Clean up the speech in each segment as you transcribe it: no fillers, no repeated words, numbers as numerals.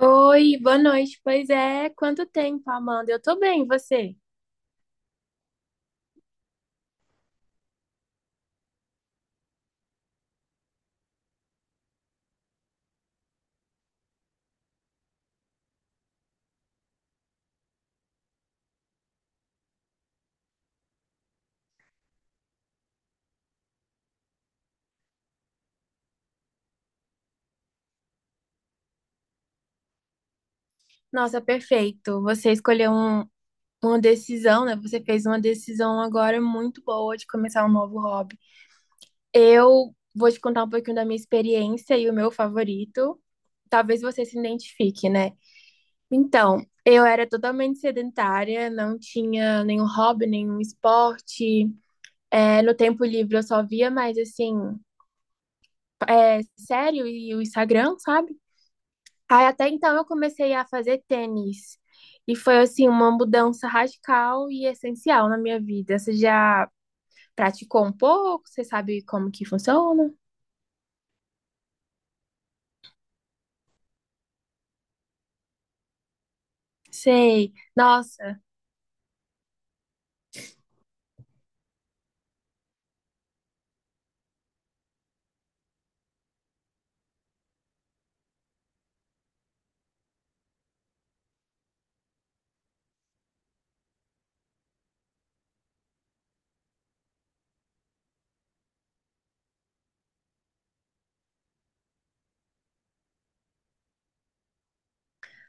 Oi, boa noite. Pois é, quanto tempo, Amanda? Eu tô bem, e você? Nossa, perfeito. Uma decisão, né? Você fez uma decisão agora muito boa de começar um novo hobby. Eu vou te contar um pouquinho da minha experiência e o meu favorito. Talvez você se identifique, né? Então, eu era totalmente sedentária, não tinha nenhum hobby, nenhum esporte. No tempo livre eu só via mais assim, sério e o Instagram, sabe? Aí até então eu comecei a fazer tênis. E foi assim uma mudança radical e essencial na minha vida. Você já praticou um pouco? Você sabe como que funciona? Sei. Nossa,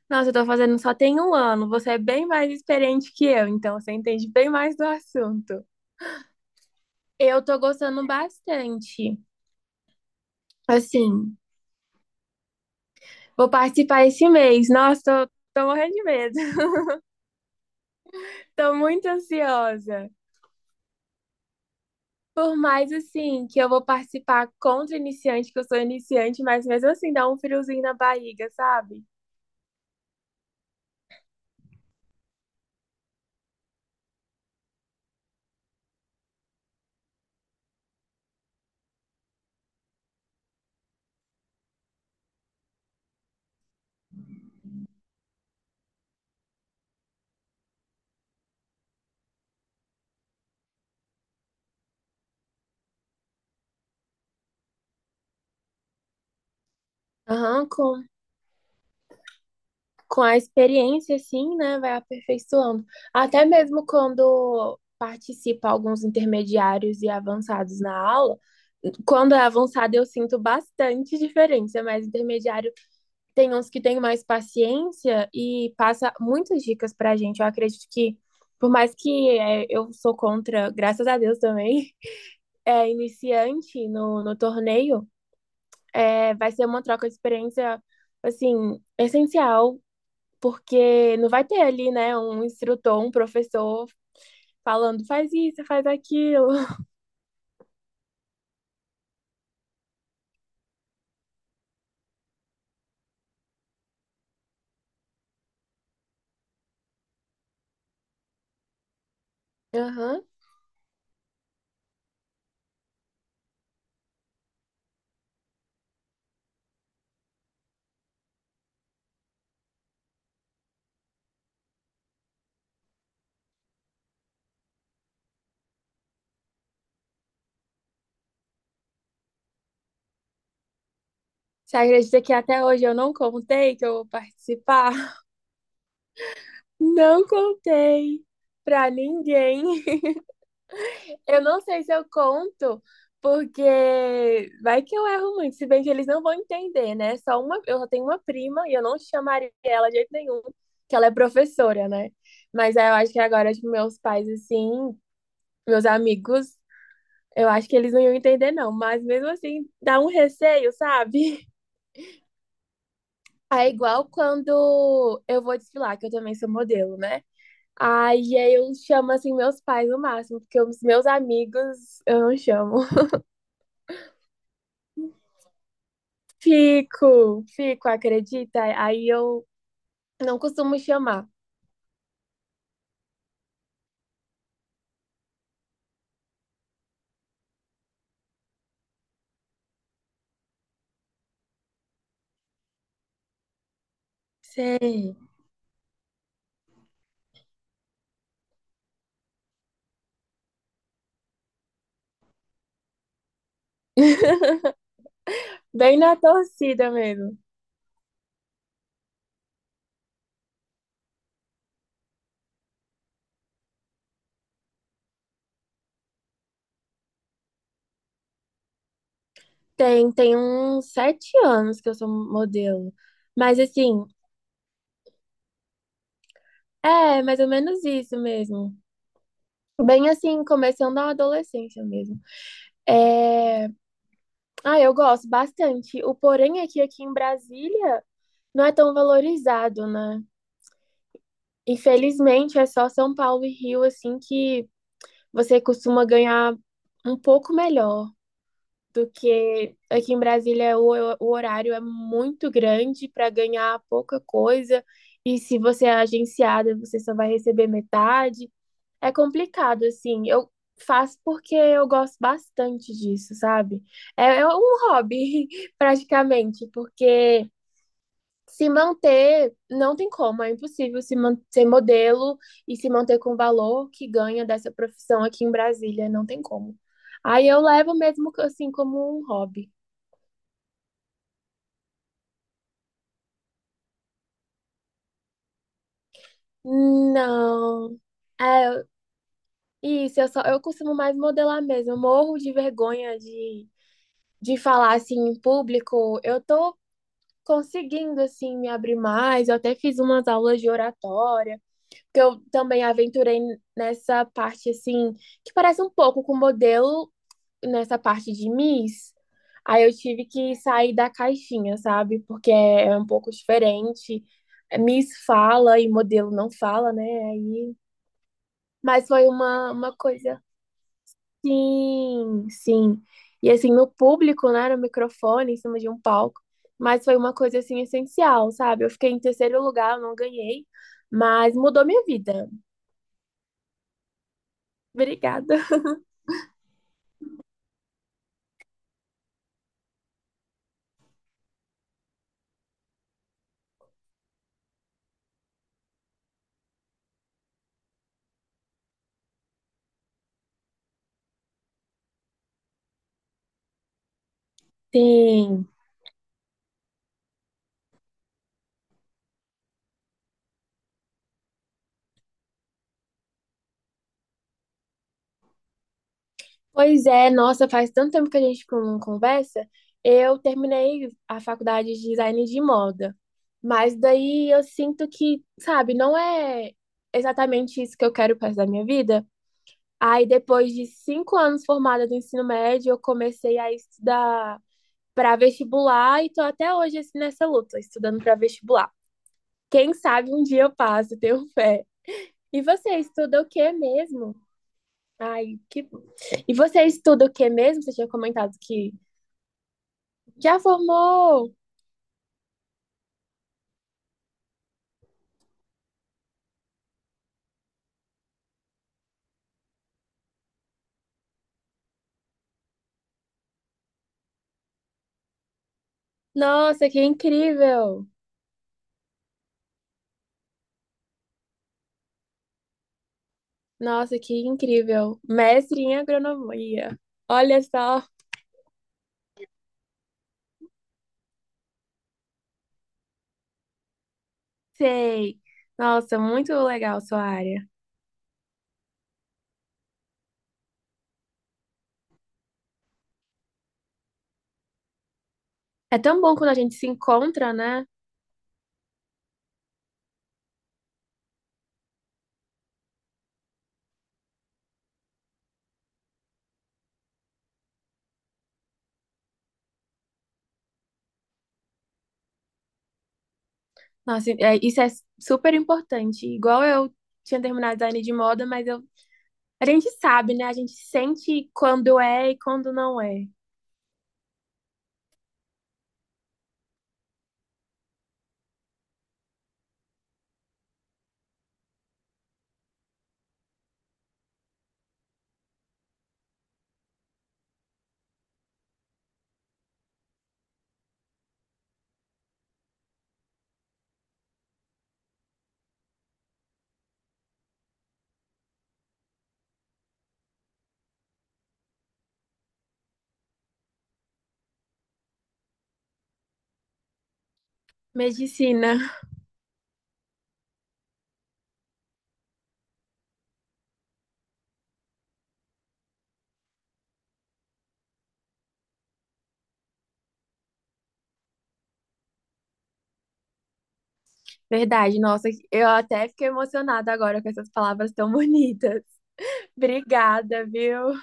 nossa, eu tô fazendo só tem 1 ano. Você é bem mais experiente que eu, então você entende bem mais do assunto. Eu tô gostando bastante. Assim, vou participar esse mês. Nossa, tô morrendo de medo. Tô muito ansiosa. Por mais assim que eu vou participar contra iniciante, que eu sou iniciante, mas mesmo assim dá um friozinho na barriga, sabe? Aham, com a experiência, assim, né? Vai aperfeiçoando. Até mesmo quando participa alguns intermediários e avançados na aula, quando é avançado eu sinto bastante diferença, mas intermediário tem uns que têm mais paciência e passa muitas dicas pra gente. Eu acredito que, por mais que é, eu sou contra, graças a Deus também. É, iniciante no torneio, é, vai ser uma troca de experiência, assim, essencial, porque não vai ter ali, né, um instrutor, um professor falando faz isso, faz aquilo. Aham. Você acredita que até hoje eu não contei que eu vou participar? Não contei pra ninguém. Eu não sei se eu conto, porque vai que eu erro muito, se bem que eles não vão entender, né? Só uma, eu só tenho uma prima e eu não chamaria ela de jeito nenhum, que ela é professora, né? Mas aí eu acho que agora, tipo, meus pais, assim, meus amigos, eu acho que eles não iam entender, não. Mas mesmo assim, dá um receio, sabe? É igual quando eu vou desfilar, que eu também sou modelo, né? Aí eu chamo, assim, meus pais no máximo, porque os meus amigos eu não chamo. Fico, fico, acredita? Aí eu não costumo chamar. Sei. Bem na torcida mesmo. Tem, tem uns 7 anos que eu sou modelo. Mas assim, é mais ou menos isso mesmo. Bem assim, começando a adolescência mesmo. É... Ah, eu gosto bastante. O porém é que aqui em Brasília não é tão valorizado, né? Infelizmente, é só São Paulo e Rio, assim, que você costuma ganhar um pouco melhor do que aqui em Brasília. O horário é muito grande para ganhar pouca coisa e se você é agenciada, você só vai receber metade. É complicado, assim. Eu faço porque eu gosto bastante disso, sabe? É, é um hobby, praticamente, porque se manter, não tem como, é impossível se man- ser modelo e se manter com o valor que ganha dessa profissão aqui em Brasília, não tem como. Aí eu levo mesmo assim como um hobby. Não. É, isso, eu costumo mais modelar mesmo. Eu morro de vergonha de falar assim em público. Eu tô conseguindo assim me abrir mais. Eu até fiz umas aulas de oratória, porque eu também aventurei nessa parte assim que parece um pouco com modelo nessa parte de Miss, aí eu tive que sair da caixinha, sabe? Porque é um pouco diferente. É, Miss fala e modelo não fala, né? Aí, mas foi uma coisa. Sim, sim. E assim, no público, né? No microfone, em cima de um palco. Mas foi uma coisa assim essencial, sabe? Eu fiquei em terceiro lugar, eu não ganhei, mas mudou minha vida. Obrigada. Sim. Pois é, nossa, faz tanto tempo que a gente não conversa. Eu terminei a faculdade de design de moda, mas daí eu sinto que, sabe, não é exatamente isso que eu quero para o resto da minha vida. Aí, depois de 5 anos formada do ensino médio, eu comecei a estudar para vestibular e tô até hoje assim, nessa luta, estudando para vestibular. Quem sabe um dia eu passo, tenho fé. E você estuda o que mesmo? Ai, que... E você estuda o que mesmo? Você tinha comentado que já formou! Nossa, que incrível! Nossa, que incrível! Mestre em agronomia. Olha só, sei. Nossa, muito legal sua área. É tão bom quando a gente se encontra, né? Nossa, é- isso é super importante. Igual eu tinha terminado design de moda, mas eu, a gente sabe, né? A gente sente quando é e quando não é. Medicina. Verdade, nossa, eu até fiquei emocionada agora com essas palavras tão bonitas. Obrigada, viu?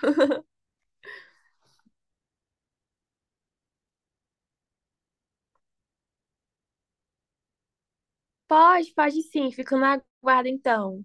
Pode, pode sim. Fico na guarda então.